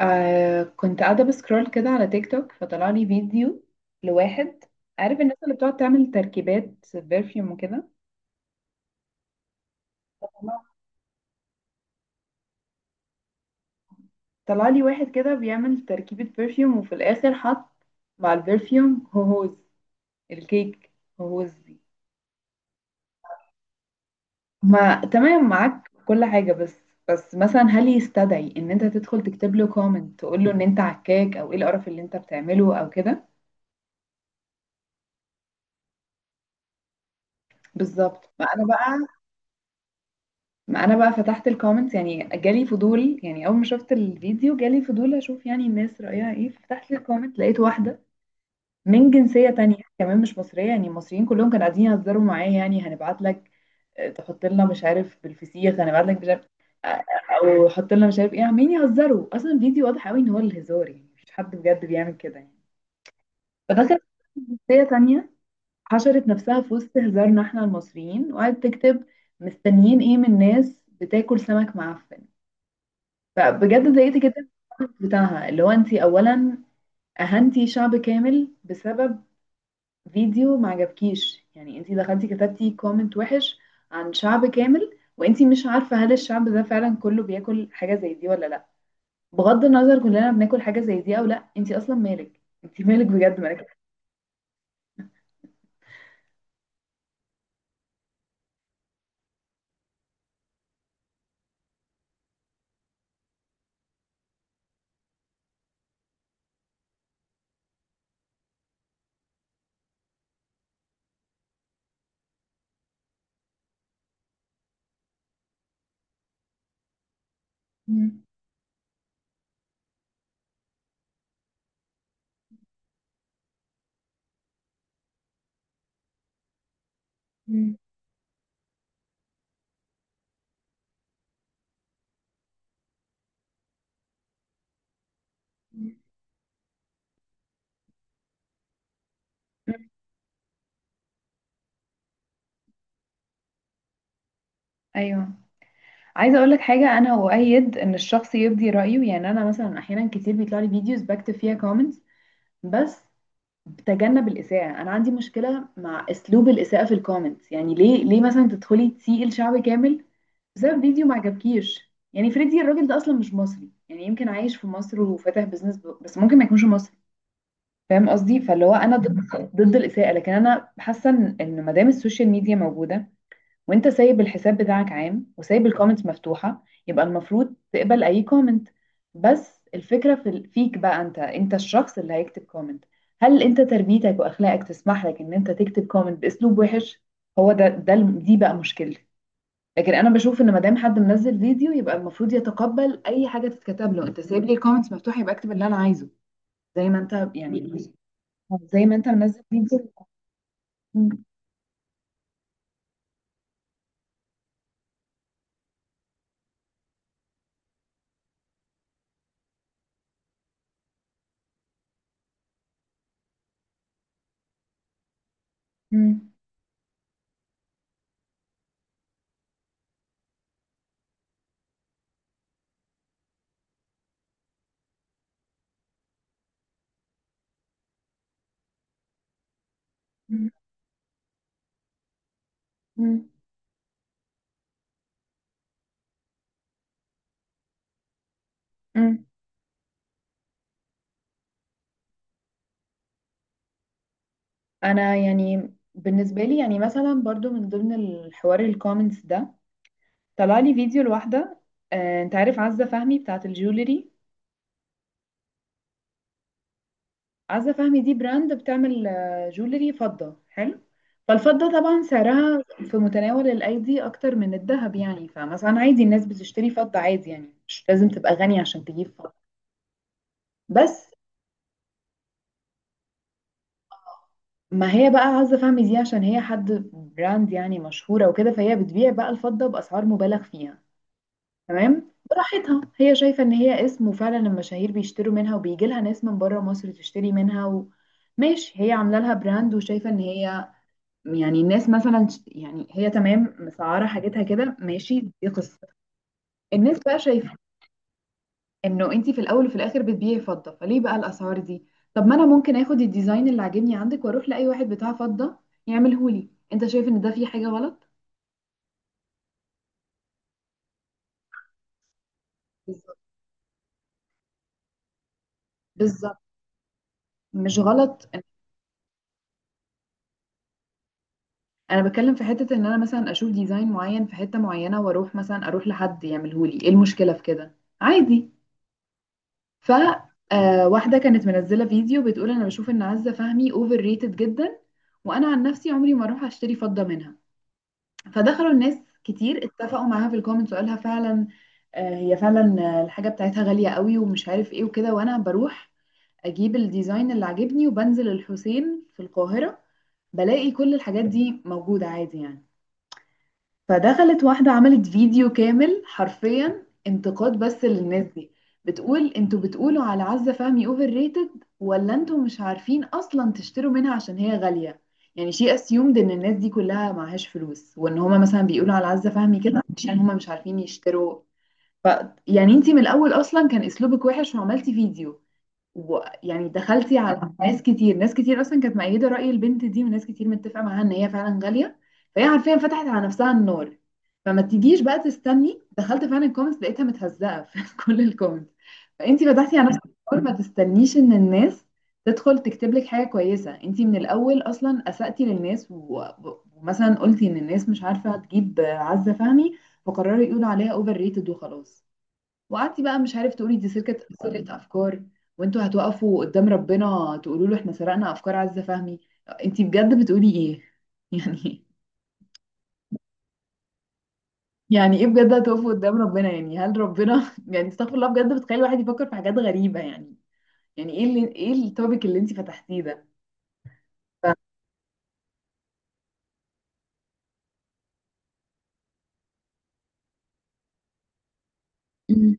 آه كنت قاعدة بسكرول كده على تيك توك فطلع لي فيديو لواحد. عارف الناس اللي بتقعد تعمل تركيبات برفيوم وكده؟ طلع لي واحد كده بيعمل تركيبة برفيوم وفي الآخر حط مع البرفيوم هوهوز الكيك، هوهوز دي. ما تمام معاك في كل حاجة، بس مثلا هل يستدعي ان انت تدخل تكتب له كومنت تقول له ان انت عكاك، او ايه القرف اللي انت بتعمله او كده؟ بالظبط، ما انا بقى فتحت الكومنتس، يعني جالي فضول، يعني اول ما شفت الفيديو جالي فضول اشوف يعني الناس رأيها ايه. فتحت الكومنت لقيت واحدة من جنسية تانية كمان، مش مصرية. يعني المصريين كلهم كانوا قاعدين يهزروا معايا، يعني هنبعت لك آه، تحط لنا مش عارف بالفسيخ، هنبعت لك مش عارف، آه، آه، او حط لنا مش عارف ايه. عمالين يهزروا اصلا، الفيديو واضح قوي ان هو الهزار، يعني مش حد بجد بيعمل كده يعني. فده كان جنسية تانية، حشرت نفسها في وسط هزارنا احنا المصريين وقعدت تكتب: مستنيين ايه من ناس بتاكل سمك معفن. فبجد اتضايقت جدا من الكومنت بتاعها اللي هو انت اولا اهنتي شعب كامل بسبب فيديو ما عجبكيش. يعني انت دخلتي كتبتي كومنت وحش عن شعب كامل وانت مش عارفه هل الشعب ده فعلا كله بياكل حاجه زي دي ولا لا. بغض النظر كلنا بناكل حاجه زي دي او لا، انت اصلا مالك، انت مالك، بجد مالك. مم. مم. مم. ايوه، عايزه اقول لك حاجه. انا اؤيد ان الشخص يبدي رايه، يعني انا مثلا احيانا كتير بيطلع لي فيديوز بكتب فيها كومنتس، بس تجنب الإساءة. أنا عندي مشكلة مع أسلوب الإساءة في الكومنتس. يعني ليه مثلا تدخلي تسيئي لشعب كامل بسبب فيديو ما عجبكيش؟ يعني فريدي الراجل ده أصلا مش مصري، يعني يمكن عايش في مصر وفاتح بزنس، بس ممكن ما يكونش مصري. فاهم قصدي؟ فاللي هو أنا ضد الإساءة. لكن أنا حاسة إن ما دام السوشيال ميديا موجودة وانت سايب الحساب بتاعك عام وسايب الكومنتس مفتوحة، يبقى المفروض تقبل اي كومنت. بس الفكرة فيك بقى انت الشخص اللي هيكتب كومنت. هل انت تربيتك واخلاقك تسمح لك ان انت تكتب كومنت باسلوب وحش؟ هو ده ده الم- دي بقى مشكلتي. لكن انا بشوف ان ما دام حد منزل فيديو يبقى المفروض يتقبل اي حاجة تتكتب له. انت سايب لي الكومنتس مفتوحة يبقى اكتب اللي انا عايزه، زي ما انت يعني، زي ما انت منزل فيديو. م- م- م- م- م- انا يعني بالنسبه لي، يعني مثلا برضو من ضمن الحوار الكومنتس ده، طلع لي فيديو لواحده. آه، انت عارف عزه فهمي بتاعه الجولري؟ عزه فهمي دي براند بتعمل جولري فضه حلو. فالفضه طبعا سعرها في متناول الايدي اكتر من الذهب يعني. فمثلا عادي الناس بتشتري فضه عادي، يعني مش لازم تبقى غني عشان تجيب فضه. بس ما هي بقى عزه فهمي دي، عشان هي حد براند يعني مشهوره وكده، فهي بتبيع بقى الفضه باسعار مبالغ فيها. تمام، براحتها هي شايفة ان هي اسم، وفعلا المشاهير بيشتروا منها وبيجي لها ناس من بره مصر تشتري منها. ماشي، هي عاملة لها براند وشايفة ان هي، يعني الناس مثلا يعني هي تمام مسعرة حاجتها كده، ماشي، دي قصة. الناس بقى شايفة انه انتي في الاول وفي الاخر بتبيعي فضة، فليه بقى الاسعار دي؟ طب ما انا ممكن اخد الديزاين اللي عاجبني عندك واروح لاي واحد بتاع فضة يعملهولي. انت شايف ان ده فيه حاجة غلط؟ بالظبط، بالظبط، مش غلط. انا بتكلم في حتة ان انا مثلا اشوف ديزاين معين في حتة معينة، واروح مثلا اروح لحد يعملهولي. ايه المشكلة في كده؟ عادي. ف آه، واحدة كانت منزلة فيديو بتقول انا بشوف ان عزة فهمي اوفر ريتد جدا، وانا عن نفسي عمري ما اروح اشتري فضة منها. فدخلوا الناس كتير اتفقوا معاها في الكومنتس، وقالها فعلا آه، هي فعلا الحاجة بتاعتها غالية قوي ومش عارف ايه وكده، وانا بروح اجيب الديزاين اللي عاجبني وبنزل الحسين في القاهرة بلاقي كل الحاجات دي موجودة عادي يعني. فدخلت واحدة عملت فيديو كامل حرفيا انتقاد بس للناس دي، بتقول انتوا بتقولوا على عزة فهمي اوفر ريتد، ولا انتوا مش عارفين اصلا تشتروا منها عشان هي غالية. يعني شيء اسيومد ان الناس دي كلها معهاش فلوس، وان هما مثلا بيقولوا على عزة فهمي كده عشان هما مش عارفين يشتروا. ف يعني انتي من الاول اصلا كان اسلوبك وحش وعملتي فيديو، ويعني دخلتي على ناس كتير، ناس كتير اصلا كانت مؤيده راي البنت دي وناس كتير متفقه معاها ان هي فعلا غاليه. فهي حرفيا فتحت على نفسها النار. فما تجيش بقى تستني، دخلت فعلا الكومنتس لقيتها متهزقه في كل الكومنتس. فانتي فتحتي على نفسك النار، ما تستنيش ان الناس تدخل تكتب لك حاجه كويسه. انتي من الاول اصلا اسأتي للناس، و- و- ومثلا قلتي ان الناس مش عارفه تجيب عزه فهمي، فقرروا يقولوا عليها اوفر ريتد وخلاص. وقعدتي بقى مش عارف تقولي دي سرقة، سرقة أفكار. وانتوا هتوقفوا قدام ربنا تقولوا له احنا سرقنا أفكار عزة فهمي. انتي بجد بتقولي ايه؟ يعني، يعني ايه بجد، هتقفوا قدام ربنا؟ يعني هل ربنا يعني استغفر الله، بجد بتخلي الواحد يفكر في حاجات غريبة يعني. يعني ايه التوبيك اللي انتي فتحتيه ده؟ ف... مم.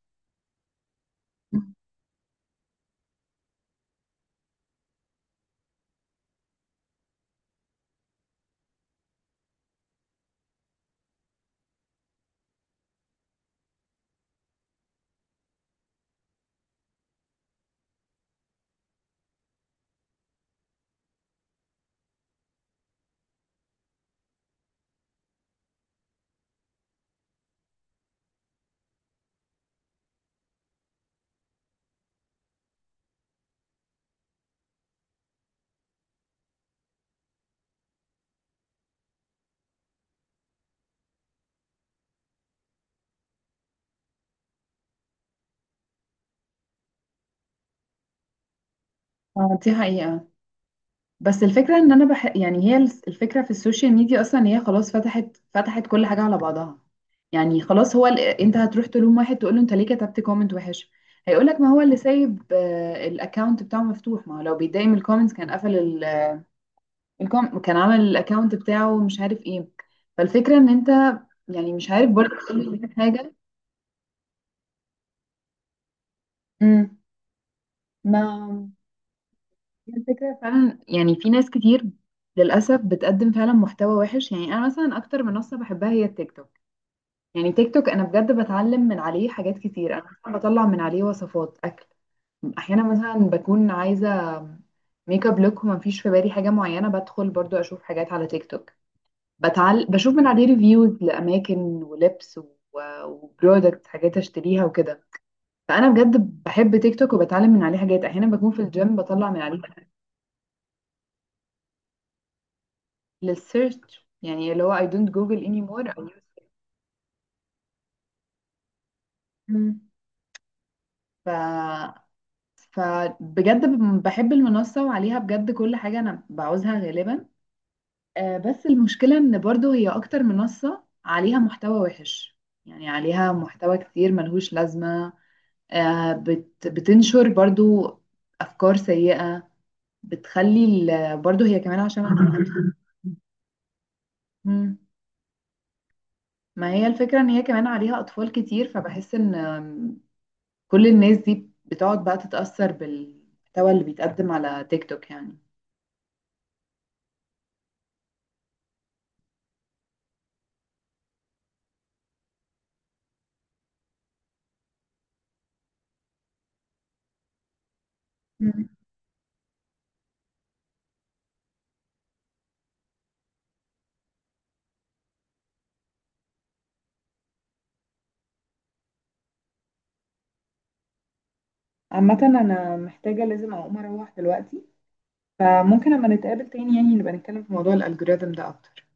آه، دي حقيقة. بس الفكرة ان انا يعني هي الفكرة في السوشيال ميديا اصلا هي خلاص، فتحت كل حاجة على بعضها. يعني خلاص هو انت هتروح تلوم واحد تقول له انت ليه كتبت كومنت وحش؟ هيقولك ما هو اللي سايب الاكونت بتاعه مفتوح، ما هو لو بيتضايق من الكومنتس كان قفل كان عمل الاكونت بتاعه مش عارف ايه. فالفكرة ان انت يعني مش عارف برضه تقول له حاجة. امم، ما هي الفكرة فعلا، يعني في ناس كتير للأسف بتقدم فعلا محتوى وحش. يعني أنا مثلا أكتر منصة بحبها هي التيك توك. يعني تيك توك انا بجد بتعلم من عليه حاجات كتير. انا مثلا بطلع من عليه وصفات اكل، احيانا مثلا بكون عايزه ميك اب لوك وما فيش في بالي حاجه معينه، بدخل برضو اشوف حاجات على تيك توك، بشوف من عليه ريفيوز لاماكن ولبس و... وبرودكت، حاجات اشتريها وكده. فانا بجد بحب تيك توك وبتعلم من عليه حاجات، احيانا بكون في الجيم بطلع من عليه للسيرش يعني، اللي هو I don't Google anymore I use it. مم. ف فبجد بحب المنصة وعليها بجد كل حاجة أنا بعوزها غالبا. آه، بس المشكلة إن برضو هي أكتر منصة عليها محتوى وحش. يعني عليها محتوى كتير ملهوش لازمة. آه، بتنشر برضو أفكار سيئة، بتخلي برضو هي كمان عشان مم. ما هي الفكرة ان هي كمان عليها اطفال كتير، فبحس ان كل الناس دي بتقعد بقى تتأثر بالمحتوى اللي بيتقدم على تيك توك يعني. عامة أنا محتاجة لازم أقوم أروح دلوقتي، فممكن أما نتقابل تاني يعني نبقى نتكلم في موضوع الألجوريزم ده أكتر.